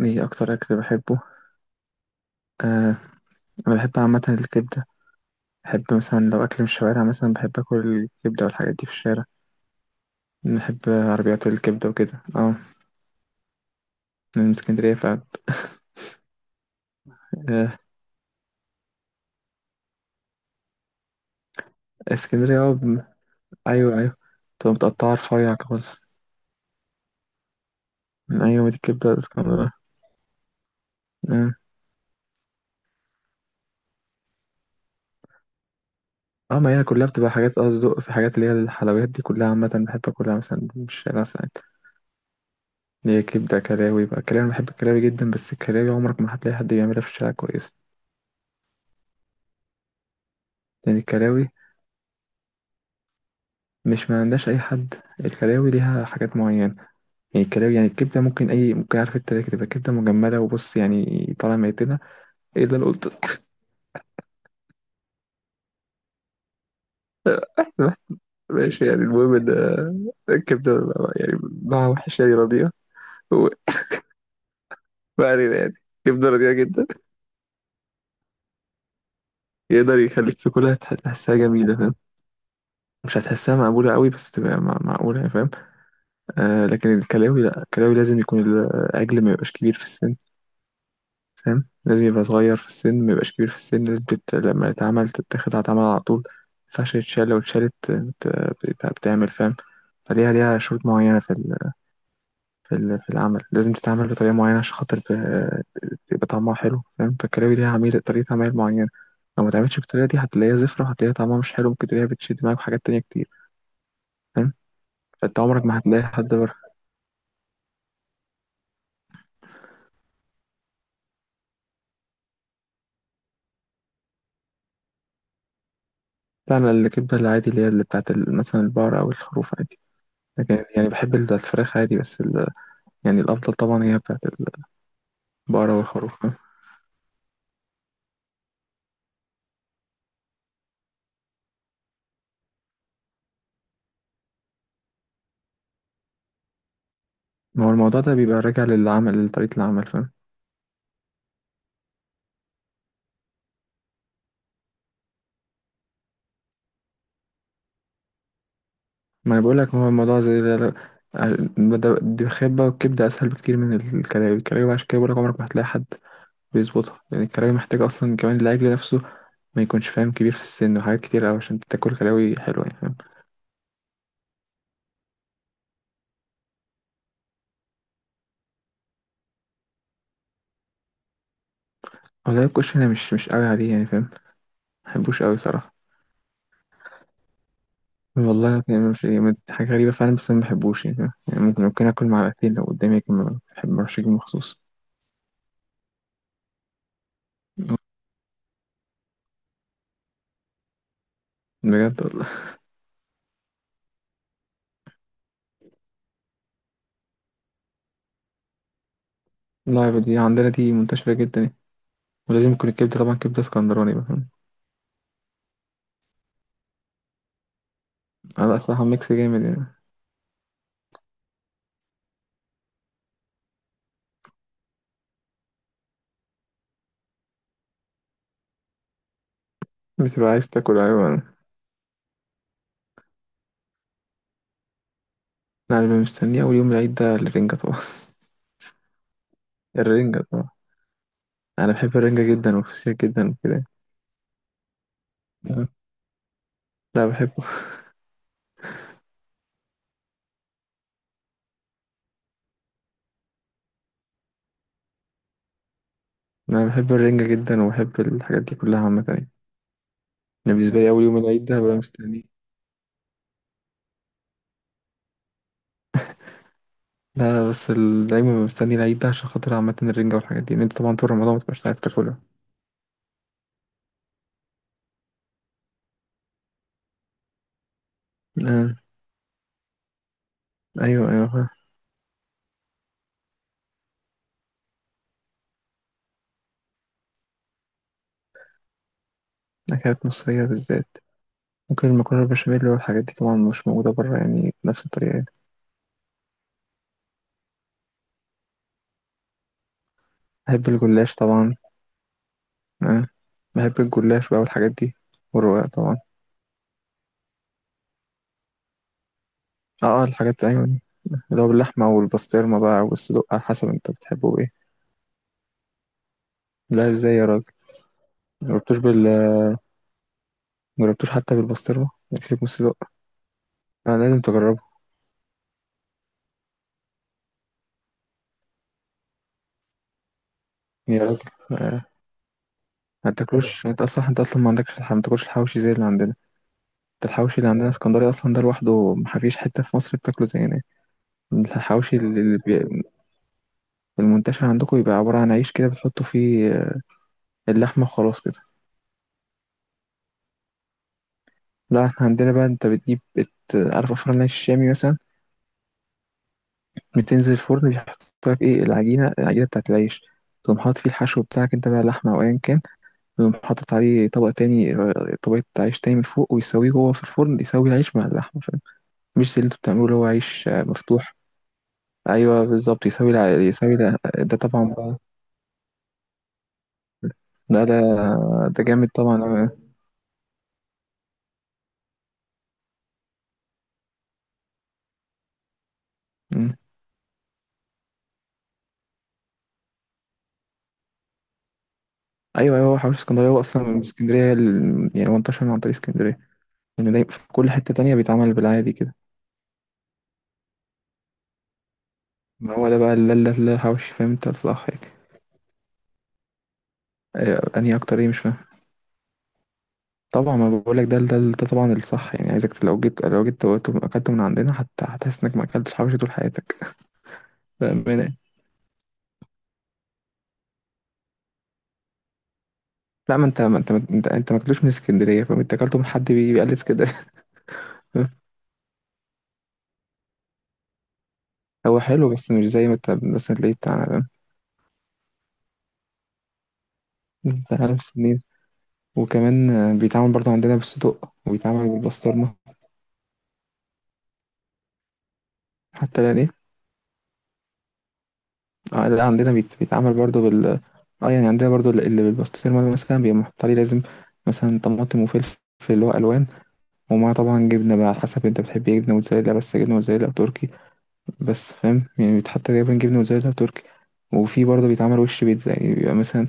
ايه اكتر اكل بحبه؟ آه انا بحب عامه الكبده. بحب مثلا لو اكل من الشوارع، مثلا بحب اكل الكبده والحاجات دي في الشارع. بحب عربيات الكبده وكده. اه، أنا من اسكندريه ف آه اسكندريه اه، ايوه ايوه، بتبقى متقطعه رفيع خالص. ايوه، دي الكبده الاسكندريه. اه، ما هي كلها بتبقى حاجات اصدق، في حاجات اللي هي الحلويات دي كلها عامه بحب اكلها مثلا من الشارع ساعات. اللي هي كبده كلاوي بقى. الكلاوي انا بحب الكلاوي جدا، بس الكلاوي عمرك ما هتلاقي حد بيعملها في الشارع كويس. يعني الكلاوي، مش ما عندهاش اي حد، الكلاوي ليها حاجات معينه. يعني الكلاوي، يعني الكبده ممكن، اي ممكن، عارف انت ليه؟ تبقى كبده مجمده، وبص يعني طالع ميتنا. ايه اللي انا قلت؟ ماشي، يعني المهم ان الكبده يعني نوعها وحش يعني، رضيئه. و- ما علينا يعني. كبده رضيئه جدا. يقدر يخليك تاكلها، تحسها جميله، فاهم؟ مش هتحسها مقبوله قوي، بس تبقى معقوله، يعني، فاهم؟ لكن الكلاوي لا، الكلاوي لازم يكون الاجل ما يبقاش كبير في السن، فاهم؟ لازم يبقى صغير في السن، ما يبقاش كبير في السن، لازم لما يتعمل تتاخد، هتعمل على طول. ما ينفعش يتشال، لو اتشالت بتعمل، فاهم؟ ليها شروط معينة في في العمل، لازم تتعمل بطريقة معينة عشان خاطر يبقى طعمها حلو، فاهم؟ فالكلاوي ليها عميل طريقة عمل معينة. لو ما تعملش بالطريقة دي هتلاقيها زفرة، وهتلاقيها طعمها مش حلو، ممكن تلاقيها بتشد معاك في حاجات تانية كتير. فاهم؟ فانت عمرك ما هتلاقي حد بره. لا، أنا الكبدة العادي اللي هي اللي بتاعت مثلا البقرة أو الخروف عادي. لكن يعني بحب الفراخ عادي، بس يعني الأفضل طبعا هي بتاعت البقرة والخروف، فاهم؟ ما هو الموضوع ده بيبقى راجع للعمل، لطريقة العمل، فاهم؟ ما أنا بقولك، هو الموضوع زي دي الخبة، والكبدة أسهل بكتير من الكلاوي عشان كده بقولك عمرك ما هتلاقي حد بيظبطها، لأن الكلاوي محتاجة أصلا كمان العجل نفسه ما يكونش، فاهم، كبير في السن، وحاجات كتير أوي عشان تاكل كلاوي حلوة، يعني فاهم؟ والله الكشري أنا مش قوي عليه، يعني فاهم؟ مبحبوش قوي صراحة. والله يعني مش يعني حاجة غريبة فعلا، بس أنا مبحبوش يعني فاهم، يعني ممكن آكل معلقتين لو قدامي، لكن ما بروحش أجيب مخصوص. بجد والله. لا، دي عندنا دي منتشرة جدا يعني. ولازم يكون الكبدة طبعا كبدة اسكندراني بقى، فاهم؟ على الصراحة ميكس جامد يعني. بتبقى عايز تاكل. أيوة، أنا اللي مستنيه أول يوم العيد ده الرنجة طبعا. الرنجة طبعا، أنا بحب الرنجة جدا والفسيخ جدا وكده. تمام؟ لا، بحبه. أنا بحب الرنجة جدا، وبحب الحاجات دي كلها عامة يعني. أنا بالنسبة لي أول يوم العيد ده ببقى مستنيه. لا، بس دايما ببقى مستني العيد ده عشان خاطر عامة الرنجة والحاجات دي، لأن أنت طبعا طول رمضان متبقاش عارف تاكلها. آه، أيوة أيوة. أكلات مصرية بالذات؟ ممكن المكرونة بالبشاميل والحاجات دي، طبعا مش موجودة برا يعني بنفس الطريقة يعني. بحب الجلاش طبعا. أه. بحب الجلاش بقى والحاجات دي، والرقاق طبعا. اه، الحاجات، أيوة، اللي هو باللحمة والبسطرمة بقى والصدوق، على حسب انت بتحبه ايه. لا، ازاي يا راجل؟ مجربتوش بال مجربتوش حتى بالبسطرمة؟ يكفيك من الصدوق. لازم تجربه يا راجل. آه. ما تاكلوش. انت اصلا ما عندكش ما تاكلش الحوشي زي اللي عندنا. انت الحوشي اللي عندنا اسكندري اصلا، ده لوحده ما فيش حتة في مصر بتاكله زينا. الحوشي اللي المنتشر عندكم يبقى عبارة عن عيش كده بتحطوا فيه اللحمة وخلاص كده. لا، احنا عندنا بقى، انت بتجيب عارف افران العيش الشامي مثلا؟ بتنزل الفرن بيحط لك ايه، العجينة بتاعت العيش. تقوم حاطط فيه الحشو بتاعك انت بقى، لحمة أو أيا كان. ويقوم حاطط عليه طبق تاني، طبقة عيش تاني من فوق، ويسويه جوه في الفرن، يسوي العيش مع اللحمة، فاهم؟ مش زي اللي انتوا بتعملوه اللي هو عيش مفتوح. أيوه بالظبط، يسوي يسوي ده طبعا بقى. ده ده ده جامد طبعا أوي. مم. ايوه ايوه، هو حوش اسكندريه، هو اصلا من اسكندريه، يعني هو انتشر عن طريق اسكندريه. يعني دايما في كل حته تانية بيتعمل بالعادي كده. ما هو ده بقى، لا لا لا، الحوش، فاهم انت الصح يعني. أيوة، انهي اكتر ايه؟ مش فاهم. طبعا ما بقولك ده طبعا الصح، يعني عايزك لو جيت، اكلت من عندنا حتى هتحس انك ما اكلتش حوش طول حياتك. بامانه. لا، ما انت ما انت ما انت, انت ما اكلتوش من اسكندريه، فاهم؟ انت اكلته من حد بيقلد اسكندريه. هو حلو، بس مش زي ما انت مثلا تلاقيه بتاعنا ده، بتاعنا في السنين. وكمان بيتعمل برضه عندنا بالصدق، وبيتعمل بالبسطرمة. حتى لا دي. اه لا، عندنا بيتعمل برضو اه يعني، عندنا برضو اللي بالبسطرمة ده مثلا بيبقى محط عليه لازم مثلا طماطم وفلفل، اللي هو ألوان. ومعاه طبعا جبنة بقى، على حسب انت بتحب ايه، جبنة موتزاريلا، بس جبنة موتزاريلا أو تركي. بس فاهم يعني، بيتحط تقريبا جبنة موتزاريلا أو تركي. وفي برضو بيتعمل وش بيتزا، يعني بيبقى مثلا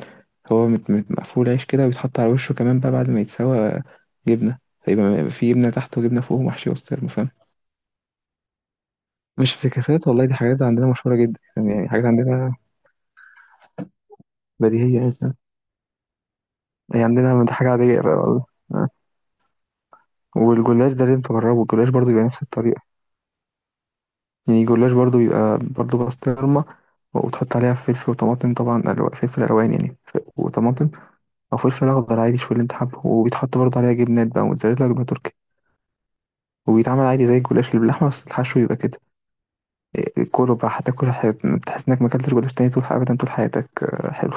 هو مقفول عيش كده، وبيتحط على وشه كمان بقى بعد ما يتسوى، جبنة. فيبقى في جبنة تحت وجبنة فوق ومحشي بسطرمة، فاهم؟ مش افتكاسات والله، دي حاجات عندنا مشهورة جدا، فاهم؟ يعني حاجات عندنا بديهية يعني. هي عندنا دي حاجة عادية بقى والله. آه. والجلاش ده لازم تجربه، الجلاش برضو بيبقى نفس الطريقة. يعني الجلاش برضو بيبقى برضو بسطرمة، وتحط عليها فلفل وطماطم طبعا فلفل ألوان يعني، وطماطم. أو فلفل أخضر عادي، شوف اللي أنت حابه، وبيتحط برضو عليها جبنات بقى، موتزاريلا وجبنة تركي. وبيتعمل عادي زي الجلاش اللي باللحمة، بس الحشو يبقى كده كله بقى. هتاكل حياتك تحس إنك ما أكلتش جلاش تاني طول، أبدا طول حياتك، حلو.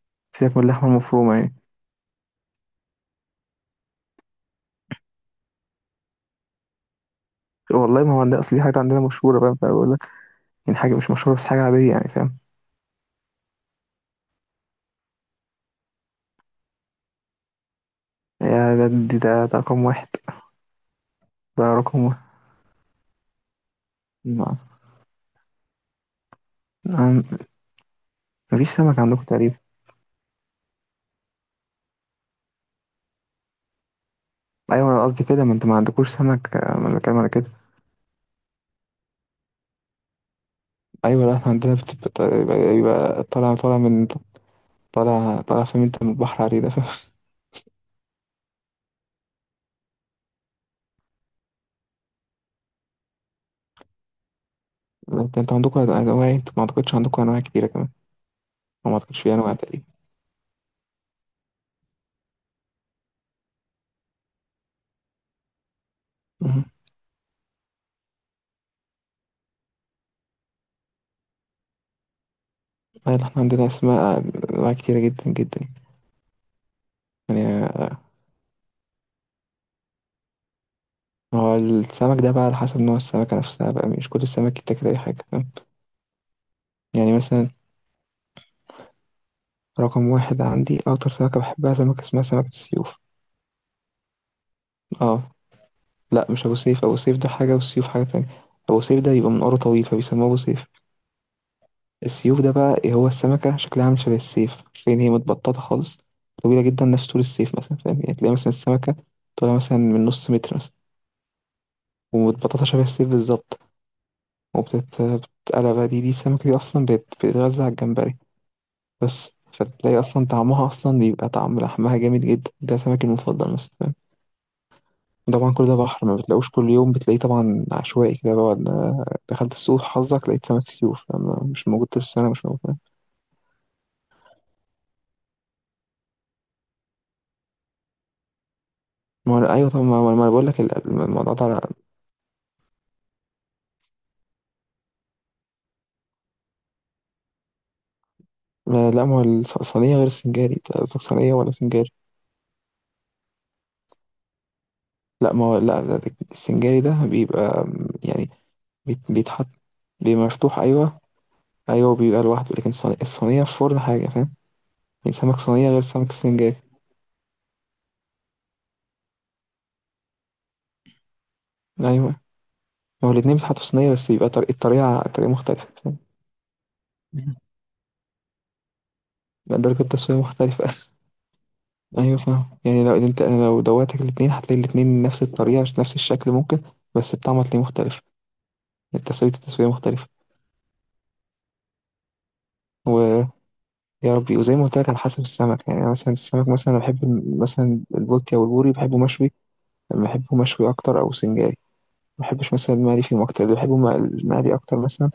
سيبك من اللحمة المفرومة يعني. والله ما هو عندنا أصل دي حاجة عندنا مشهورة بقى بقول لك، يعني حاجة مش مشهورة، بس حاجة عادية يعني، فاهم؟ يا ده ده رقم واحد. ده رقم واحد، ما أم- مفيش سمك عندكم تقريبا. ايوه انا قصدي كده، ما انت ما عندكوش سمك. ما انا بتكلم على كده. ايوه لا، احنا عندنا يبقى طالع طالع من، طالع طالع فاهم، انت من البحر عليه ده، فاهم؟ انتوا عندكم انواع، انت ما اعتقدش عندكم انواع كتيره كمان، أو ما اعتقدش في انواع تقريبا. مهم. ايوه، احنا عندنا اسماء، انواع كتيره جدا جدا. يعني هو السمك ده بقى على حسب نوع السمكه نفسها بقى، مش كل السمك يتاكل اي حاجه، فاهم؟ يعني مثلا، رقم واحد عندي أكتر سمكة بحبها، سمكة اسمها سمكة السيوف. اه لا، مش أبو سيف، أبو سيف ده حاجة والسيوف حاجة تانية. أبو سيف ده بيبقى منقاره طويل فبيسموه أبو سيف. السيوف ده بقى إيه، هو السمكة شكلها عامل شبه السيف، فين هي متبططة خالص، طويلة جدا، نفس طول السيف مثلا، فاهم يعني؟ تلاقي مثلا السمكة طولها مثلا من نص متر مثلا، ومتبططة شبه السيف بالظبط. وبتتقلب بقى، دي السمكة دي أصلا بتتغذى على الجمبري بس، فتلاقي أصلا طعمها أصلا بيبقى طعم لحمها جامد جدا، ده سمكي المفضل مثلا. طبعا كل ده بحر، ما بتلاقوش كل يوم بتلاقيه طبعا، عشوائي كده بعد ما دخلت السوق حظك لقيت سمك سيوف، أما مش موجود طول السنة مش موجود. ما هو أيوة طبعا، ما أنا بقول لك الموضوع ده. لا ما هو، الصينية غير السنجاري، أنت قصدك صينية ولا سنجاري؟ لا ما هو لا لا، السنجاري ده بيبقى يعني بيتحط، بيبقى مفتوح. أيوة، أيوة بيبقى لوحده، لكن الصينية، الصينية في فرن حاجة، فاهم؟ يعني سمك صينية غير سمك السنجاري. أيوة، ما هو الاتنين بيتحطوا في صينية، بس يبقى طريقة، الطريقة مختلفة، فاهم؟ مم. درجة التسوية مختلفة. ايوه فاهم يعني، لو انت انا لو دوتك الاتنين هتلاقي الاتنين نفس الطريقه عشان نفس الشكل ممكن، بس الطعم هتلاقيه مختلف. التسويه مختلفه. ويا ربي، وزي ما قلت لك، على حسب السمك، يعني أنا مثلا السمك مثلا انا بحب مثلا البولتي او البوري بحبه مشوي. بحبه مشوي اكتر، او سنجاري. ما بحبش مثلا المقلي فيهم اكتر. اللي بحبه المقلي اكتر مثلا.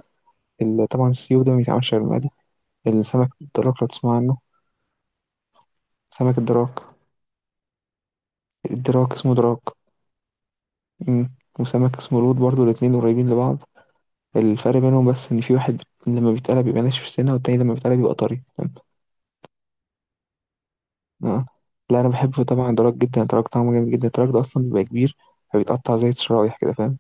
طبعا السيو ده ما بيتعملش غير المقلي. السمك الدراك لو تسمع عنه، سمك الدراك، الدراك اسمه دراك. أمم. وسمك اسمه لود برضو، الاتنين قريبين لبعض. الفرق بينهم بس إن في واحد لما بيتقلب بيبقى ناشف السنة، والتاني لما بيتقلب بيبقى طري، فاهم؟ آه. لا، أنا بحب طبعا دراج جدا، دراج طعمه جامد جدا، دراج ده أصلا بيبقى كبير فبيتقطع زي الشرايح كده، فاهم؟